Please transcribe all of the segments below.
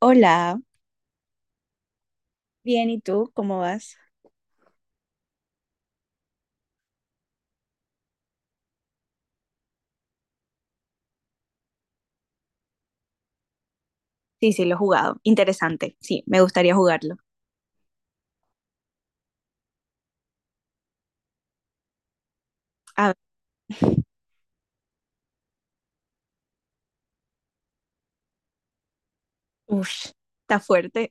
Hola, bien, ¿y tú? ¿Cómo vas? Sí, sí, lo he jugado. Interesante. Sí, me gustaría jugarlo. A ver. Uf, está fuerte.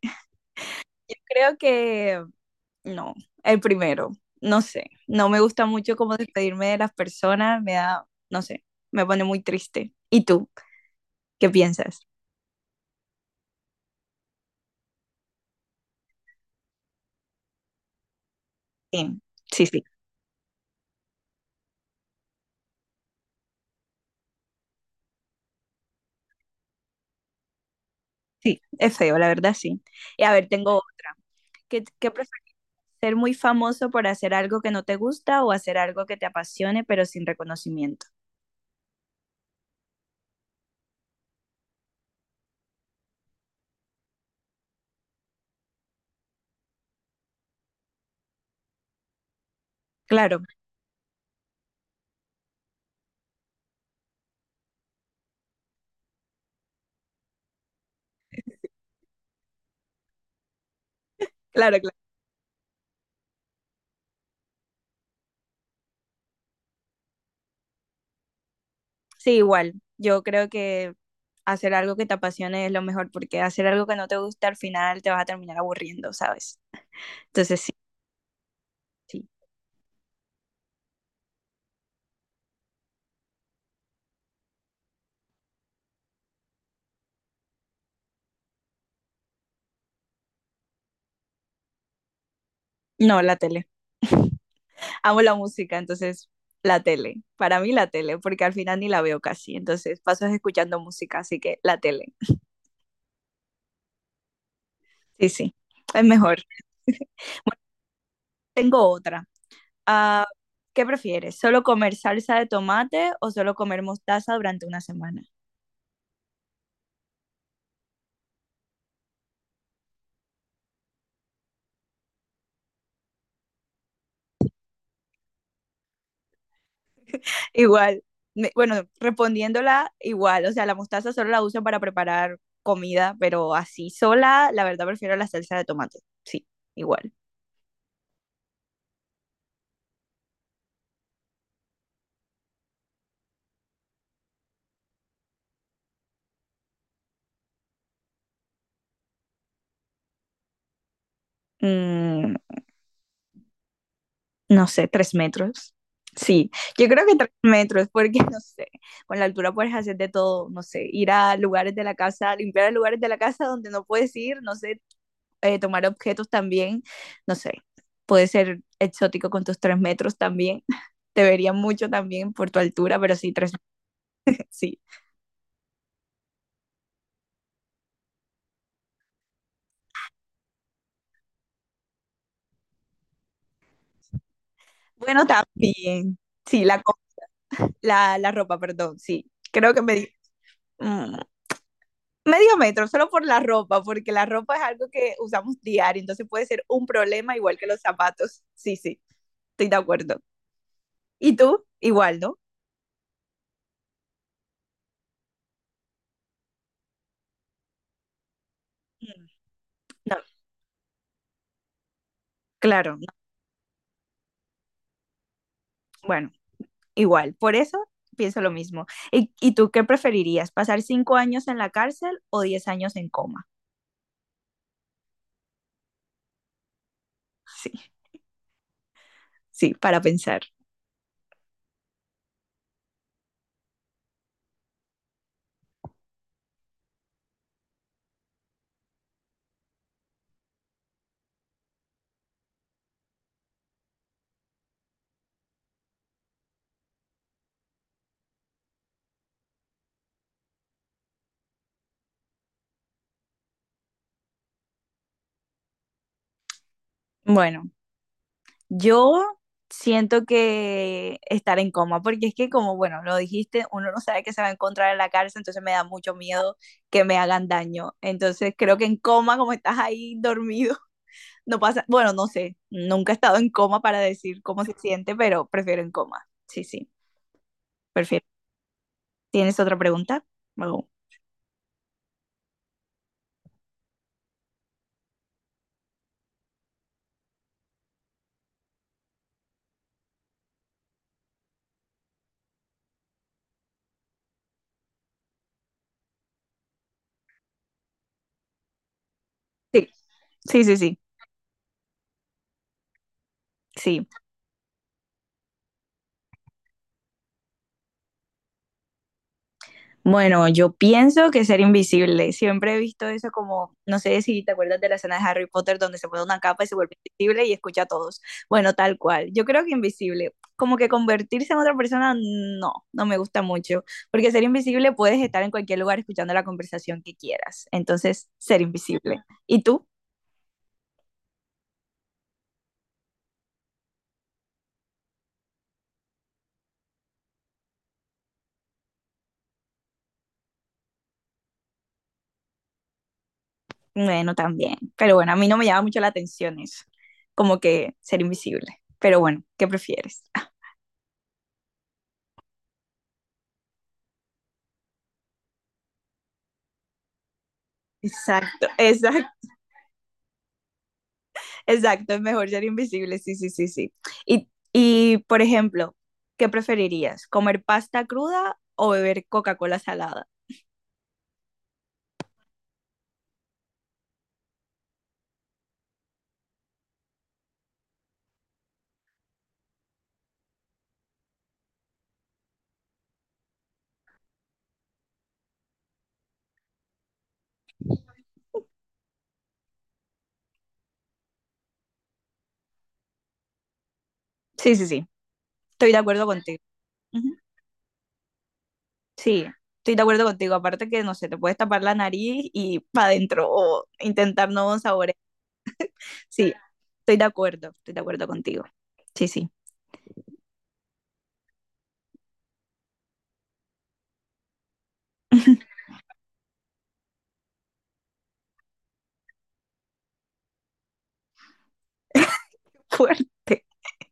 Yo creo que no, el primero. No sé, no me gusta mucho como despedirme de las personas, me da, no sé, me pone muy triste. ¿Y tú? ¿Qué piensas? Sí, sí, sí, sí, es feo, la verdad, sí. Y a ver, tengo otra. ¿Qué prefieres? ¿Ser muy famoso por hacer algo que no te gusta o hacer algo que te apasione pero sin reconocimiento? Claro, claro. Sí, igual. Yo creo que hacer algo que te apasione es lo mejor, porque hacer algo que no te gusta al final te vas a terminar aburriendo, ¿sabes? Entonces sí, sí. No, la tele. Amo la música, entonces la tele. Para mí la tele, porque al final ni la veo casi. Entonces paso escuchando música, así que la tele. Sí, sí. Es mejor. Tengo otra. Ah, ¿qué prefieres? ¿Solo comer salsa de tomate o solo comer mostaza durante una semana? Igual, bueno, respondiéndola igual, o sea, la mostaza solo la uso para preparar comida, pero así sola, la verdad prefiero la salsa de tomate. Sí, igual. Mm, no sé, 3 metros. Sí, yo creo que 3 metros, porque no sé, con la altura puedes hacer de todo, no sé, ir a lugares de la casa, limpiar lugares de la casa donde no puedes ir, no sé, tomar objetos también, no sé, puede ser exótico con tus 3 metros también. Te vería mucho también por tu altura, pero sí, tres, sí. Bueno, también. Sí, la ropa, perdón, sí. Creo que mm, medio metro, solo por la ropa, porque la ropa es algo que usamos diario, entonces puede ser un problema igual que los zapatos. Sí, sí, estoy de acuerdo. ¿Y tú? Igual, ¿no? Mm, no, claro, no, bueno, igual. Por eso pienso lo mismo. ¿Y tú qué preferirías? ¿Pasar 5 años en la cárcel o 10 años en coma? Sí. Sí, para pensar. Bueno, yo siento que estar en coma, porque es que como, bueno, lo dijiste, uno no sabe qué se va a encontrar en la cárcel, entonces me da mucho miedo que me hagan daño. Entonces creo que en coma, como estás ahí dormido. No pasa, bueno, no sé, nunca he estado en coma para decir cómo se siente, pero prefiero en coma. Sí, sí, prefiero. ¿Tienes otra pregunta? Oh. Sí, sí, sí, sí. Sí, bueno, yo pienso que ser invisible. Siempre he visto eso como, no sé si te acuerdas de la escena de Harry Potter donde se pone una capa y se vuelve invisible y escucha a todos. Bueno, tal cual. Yo creo que invisible, como que convertirse en otra persona, no, no me gusta mucho, porque ser invisible puedes estar en cualquier lugar escuchando la conversación que quieras. Entonces, ser invisible. ¿Y tú? Bueno, también. Pero bueno, a mí no me llama mucho la atención eso, como que ser invisible. Pero bueno, ¿qué prefieres? Exacto, exacto, exacto. Es mejor ser invisible, sí, sí, sí, sí. Y, por ejemplo, ¿qué preferirías? ¿Comer pasta cruda o beber Coca-Cola salada? Sí, sí, sí. Estoy de acuerdo contigo. Ujú. Sí, estoy de acuerdo contigo. Aparte que, no sé, te puedes tapar la nariz y para adentro o intentar nuevos sabores. Sí, estoy de acuerdo contigo. Sí, sí.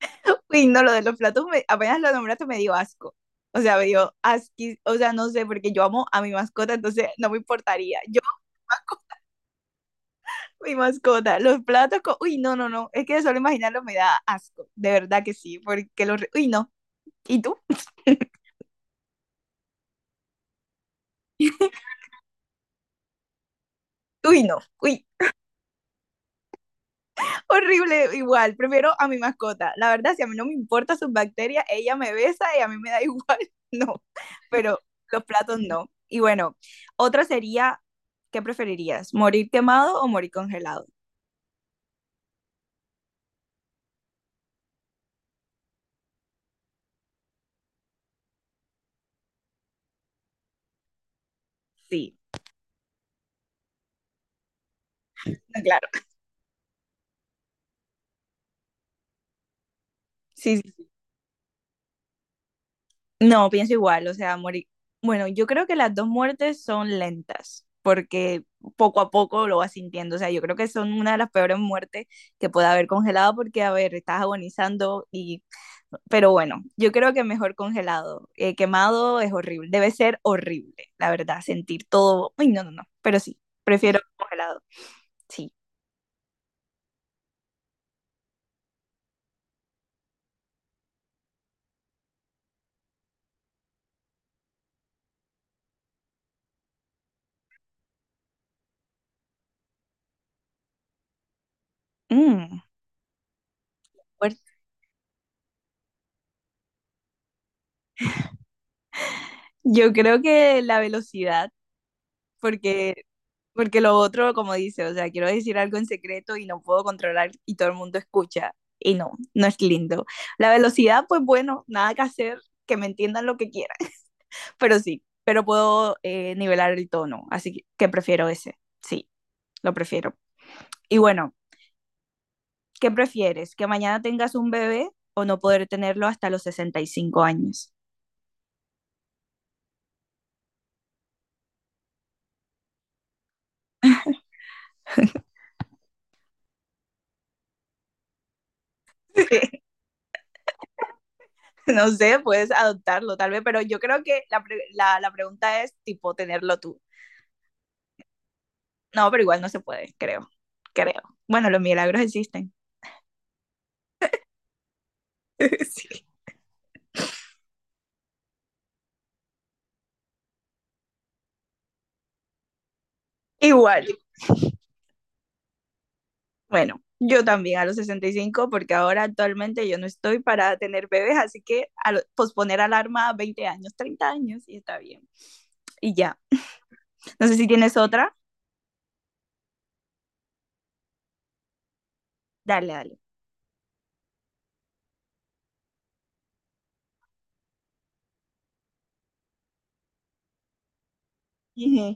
Uy, no, lo de los platos, apenas lo nombraste me dio asco. O sea, me dio asquis, o sea, no sé, porque yo amo a mi mascota, entonces no me importaría. Yo amo a mi mascota, los platos, uy, no, no, no, es que de solo imaginarlo me da asco, de verdad que sí, porque los, uy, no. ¿Y tú? Uy, no, uy. Horrible igual. Prefiero a mi mascota. La verdad, si a mí no me importa sus bacterias, ella me besa y a mí me da igual. No, pero los platos no. Y bueno, otra sería, ¿qué preferirías? ¿Morir quemado o morir congelado? Sí, claro. Sí, sí. No, pienso igual, o sea, morir. Bueno, yo creo que las dos muertes son lentas, porque poco a poco lo vas sintiendo, o sea, yo creo que son una de las peores muertes que puede haber congelado, porque, a ver, estás agonizando y... Pero bueno, yo creo que mejor congelado. Quemado es horrible, debe ser horrible, la verdad, sentir todo. Uy, no, no, no, pero sí, prefiero congelado, sí. Mm, fuerte. Yo creo que la velocidad, porque Porque lo otro, como dice, o sea, quiero decir algo en secreto y no puedo controlar y todo el mundo escucha. Y no, no es lindo. La velocidad, pues bueno, nada que hacer, que me entiendan lo que quieran, pero sí, pero puedo nivelar el tono, así que prefiero ese, sí, lo prefiero. Y bueno, ¿qué prefieres? ¿Que mañana tengas un bebé o no poder tenerlo hasta los 65 años? No sé, puedes adoptarlo tal vez, pero yo creo que la pregunta es tipo tenerlo tú. No, pero igual no se puede, creo. Creo. Bueno, los milagros existen. Sí. Igual. Bueno, yo también a los 65 porque ahora actualmente yo no estoy para tener bebés, así que posponer alarma a 20 años, 30 años, y está bien. Y ya. No sé si tienes otra. Dale, dale. Ujú.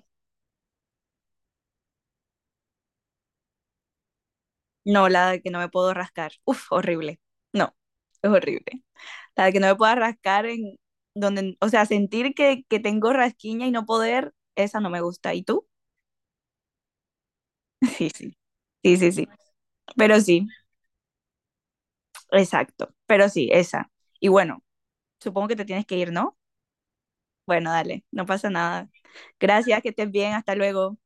No, la de que no me puedo rascar. Uf, horrible. No, es horrible. La de que no me pueda rascar en donde, o sea, sentir que tengo rasquiña y no poder, esa no me gusta. ¿Y tú? Sí, sí. Sí, sí, sí. Pero sí, exacto. Pero sí, esa. Y bueno, supongo que te tienes que ir, ¿no? Bueno, dale, no pasa nada. Gracias, que estés bien, hasta luego.